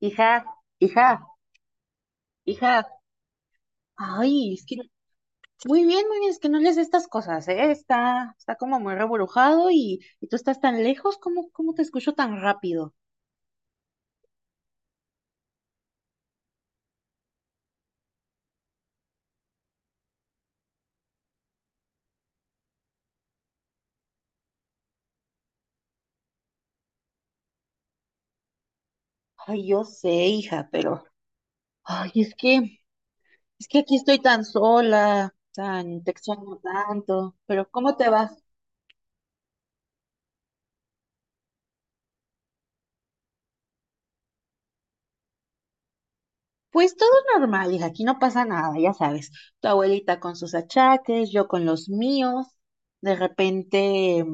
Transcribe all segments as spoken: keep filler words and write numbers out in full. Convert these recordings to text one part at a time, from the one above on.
Hija, hija, hija. Ay, es que muy bien, muy bien, es que no lees estas cosas, ¿eh? Está, está como muy reburujado y, y tú estás tan lejos, ¿cómo, cómo te escucho tan rápido? Ay, yo sé, hija, pero ay, es que, es que aquí estoy tan sola, tan, te extraño tanto, pero ¿cómo te vas? Pues todo normal, hija, aquí no pasa nada, ya sabes. Tu abuelita con sus achaques, yo con los míos. De repente.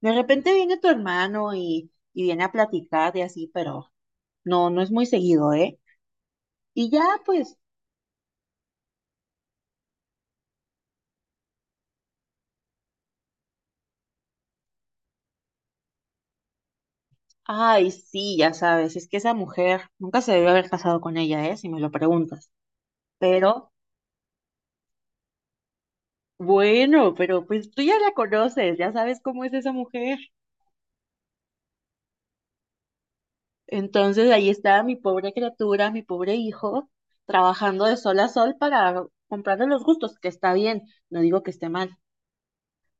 De repente viene tu hermano y, y viene a platicar y así, pero no, no es muy seguido, ¿eh? Y ya, pues, ay, sí, ya sabes, es que esa mujer nunca se debió haber casado con ella, ¿eh? Si me lo preguntas. Pero, bueno, pero pues tú ya la conoces, ya sabes cómo es esa mujer. Entonces ahí está mi pobre criatura, mi pobre hijo, trabajando de sol a sol para comprarle los gustos, que está bien, no digo que esté mal,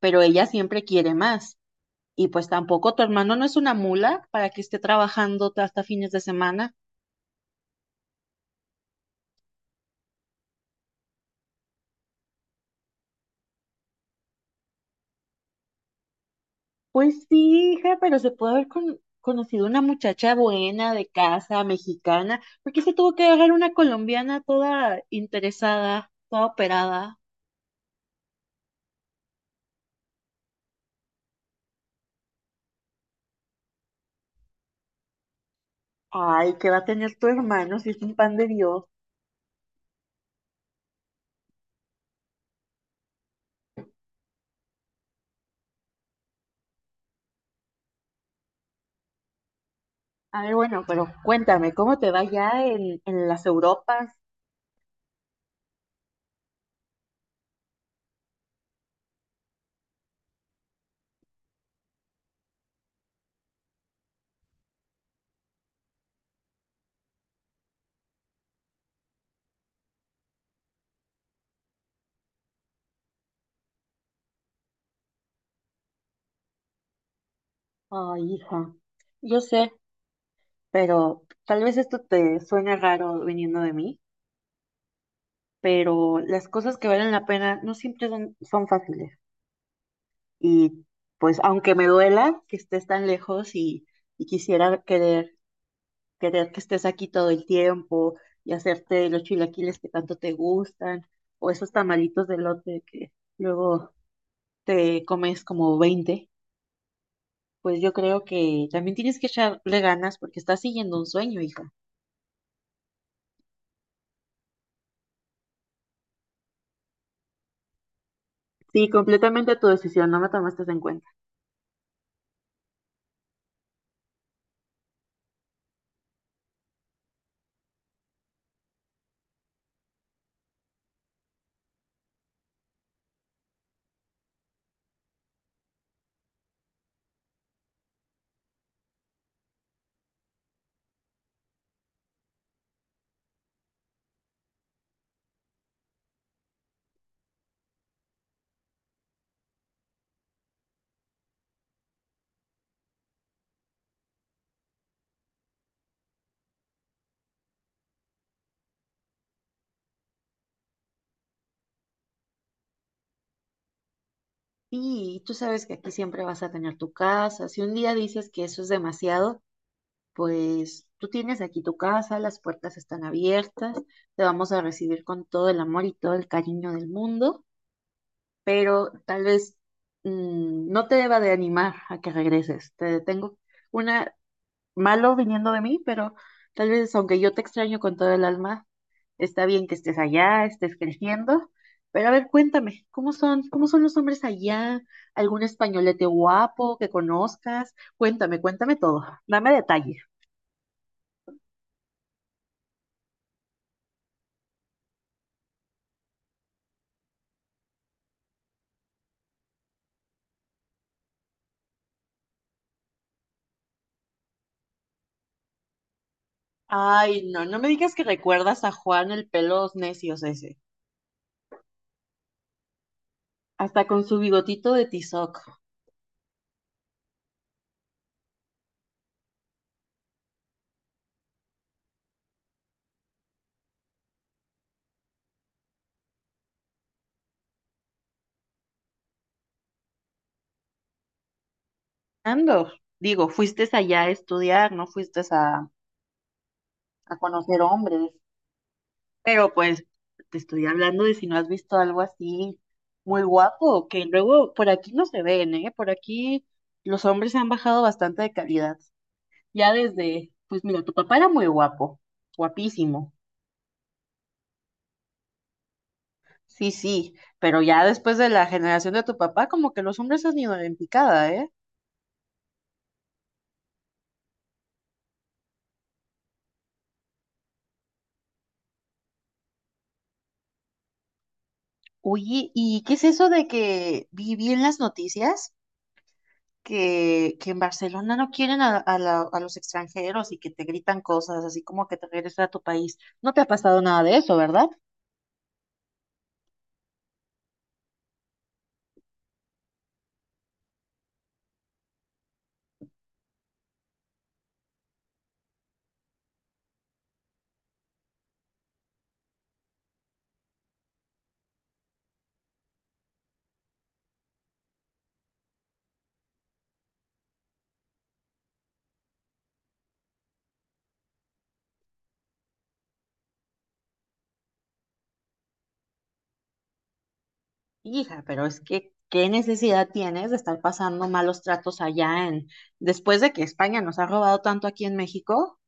pero ella siempre quiere más. Y pues tampoco tu hermano no es una mula para que esté trabajando hasta fines de semana. Pues sí, hija, pero se puede haber con- conocido una muchacha buena de casa, mexicana, porque se tuvo que dejar una colombiana toda interesada, toda operada. Ay, ¿qué va a tener tu hermano si es un pan de Dios? A ver, bueno, pero cuéntame, ¿cómo te va ya en, en las Europas? Ay, hija, yo sé, pero tal vez esto te suene raro viniendo de mí. Pero las cosas que valen la pena no siempre son, son fáciles. Y pues aunque me duela que estés tan lejos y, y quisiera querer, querer que estés aquí todo el tiempo y hacerte los chilaquiles que tanto te gustan o esos tamalitos de lote que luego te comes como veinte, pues yo creo que también tienes que echarle ganas porque estás siguiendo un sueño, hija. Sí, completamente tu decisión, no me tomaste en cuenta. Sí, y tú sabes que aquí siempre vas a tener tu casa. Si un día dices que eso es demasiado, pues tú tienes aquí tu casa, las puertas están abiertas, te vamos a recibir con todo el amor y todo el cariño del mundo, pero tal vez mm, no te deba de animar a que regreses. Te tengo una malo viniendo de mí, pero tal vez aunque yo te extraño con todo el alma, está bien que estés allá, estés creciendo. Pero a ver, cuéntame, ¿cómo son, cómo son los hombres allá? ¿Algún españolete guapo que conozcas? Cuéntame, cuéntame todo. Dame detalle. Ay, no, no me digas que recuerdas a Juan el pelos necios ese, hasta con su bigotito de tizoc. Ando, digo, fuiste allá a estudiar, no fuiste a, a conocer hombres. Pero pues te estoy hablando de si no has visto algo así muy guapo, que luego por aquí no se ven, ¿eh? Por aquí los hombres se han bajado bastante de calidad. Ya desde, pues mira, tu papá era muy guapo, guapísimo. Sí, sí, pero ya después de la generación de tu papá, como que los hombres han ido en picada, ¿eh? Oye, ¿y qué es eso de que viví en las noticias? que, que en Barcelona no quieren a, a la- a los extranjeros y que te gritan cosas así como que te regreses a tu país. No te ha pasado nada de eso, ¿verdad? Hija, pero es que, ¿qué necesidad tienes de estar pasando malos tratos allá en, después de que España nos ha robado tanto aquí en México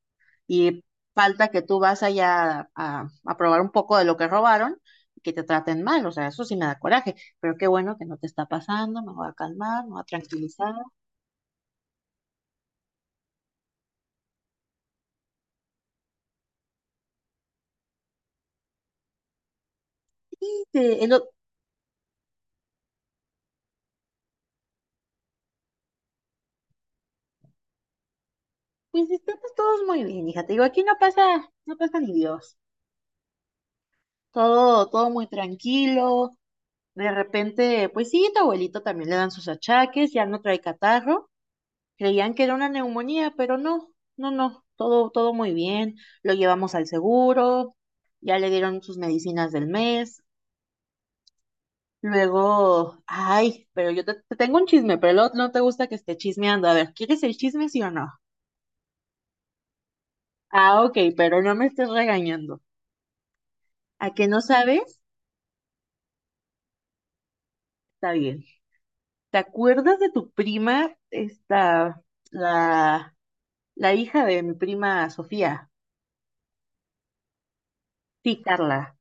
y falta que tú vas allá a, a probar un poco de lo que robaron y que te traten mal? O sea, eso sí me da coraje, pero qué bueno que no te está pasando, me voy a calmar, me voy a tranquilizar. Y te- el o- Pues estamos todos muy bien, hija. Te digo, aquí no pasa, no pasa ni Dios. Todo, todo muy tranquilo. De repente, pues sí, tu abuelito también le dan sus achaques, ya no trae catarro. Creían que era una neumonía, pero no, no, no. Todo, todo muy bien. Lo llevamos al seguro, ya le dieron sus medicinas del mes. Luego, ay, pero yo te, te tengo un chisme, pero luego no te gusta que esté chismeando. A ver, ¿quieres el chisme, sí o no? Ah, ok, pero no me estés regañando. ¿A que no sabes? Está bien. ¿Te acuerdas de tu prima, esta, la, la hija de mi prima Sofía? Sí, Carla.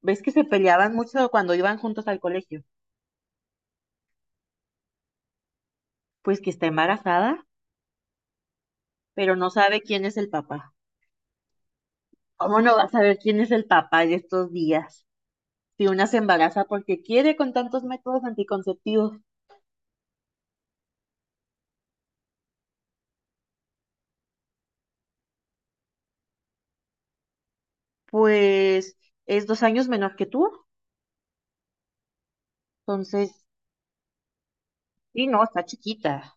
¿Ves que se peleaban mucho cuando iban juntos al colegio? Pues que está embarazada, pero no sabe quién es el papá. ¿Cómo no va a saber quién es el papá en estos días? Si una se embaraza porque quiere con tantos métodos anticonceptivos, pues es dos años menor que tú. Entonces, sí, no, está chiquita.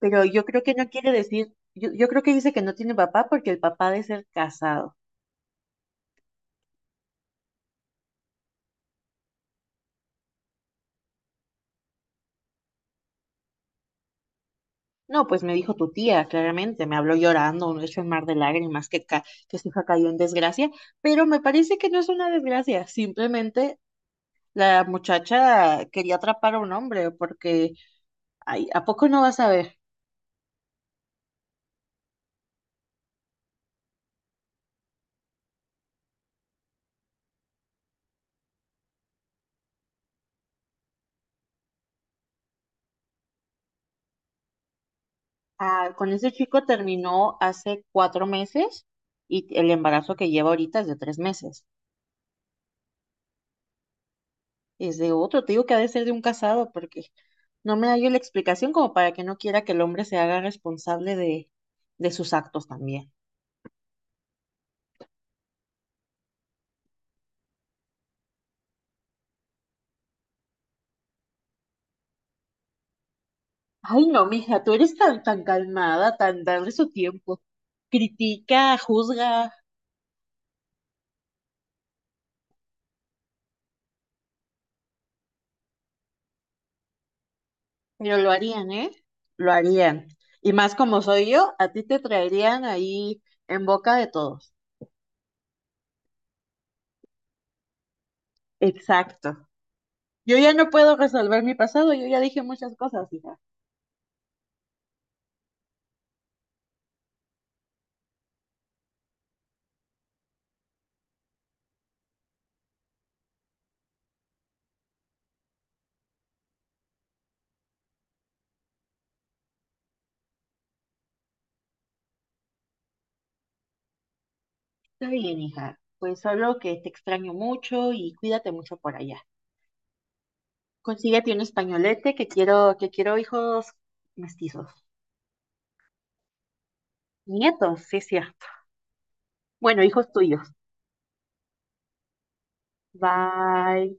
Pero yo creo que no quiere decir, yo, yo creo que dice que no tiene papá porque el papá ha de ser casado. No, pues me dijo tu tía, claramente, me habló llorando, un hecho en mar de lágrimas, que, ca- que su hija cayó en desgracia, pero me parece que no es una desgracia, simplemente la muchacha quería atrapar a un hombre, porque, ay, ¿a poco no vas a ver? Ah, con ese chico terminó hace cuatro meses y el embarazo que lleva ahorita es de tres meses, es de otro, te digo que ha de ser de un casado, porque no me da yo la explicación como para que no quiera que el hombre se haga responsable de, de sus actos también. Ay, no, mija, tú eres tan, tan calmada, tan darle su tiempo. Critica, juzga, pero lo harían, ¿eh? Lo harían. Y más como soy yo, a ti te traerían ahí en boca de todos. Exacto. Yo ya no puedo resolver mi pasado, yo ya dije muchas cosas, hija. Está bien, hija. Pues solo que te extraño mucho y cuídate mucho por allá. Consíguete un españolete que quiero, que quiero hijos mestizos. Nietos, sí es cierto. Bueno, hijos tuyos. Bye.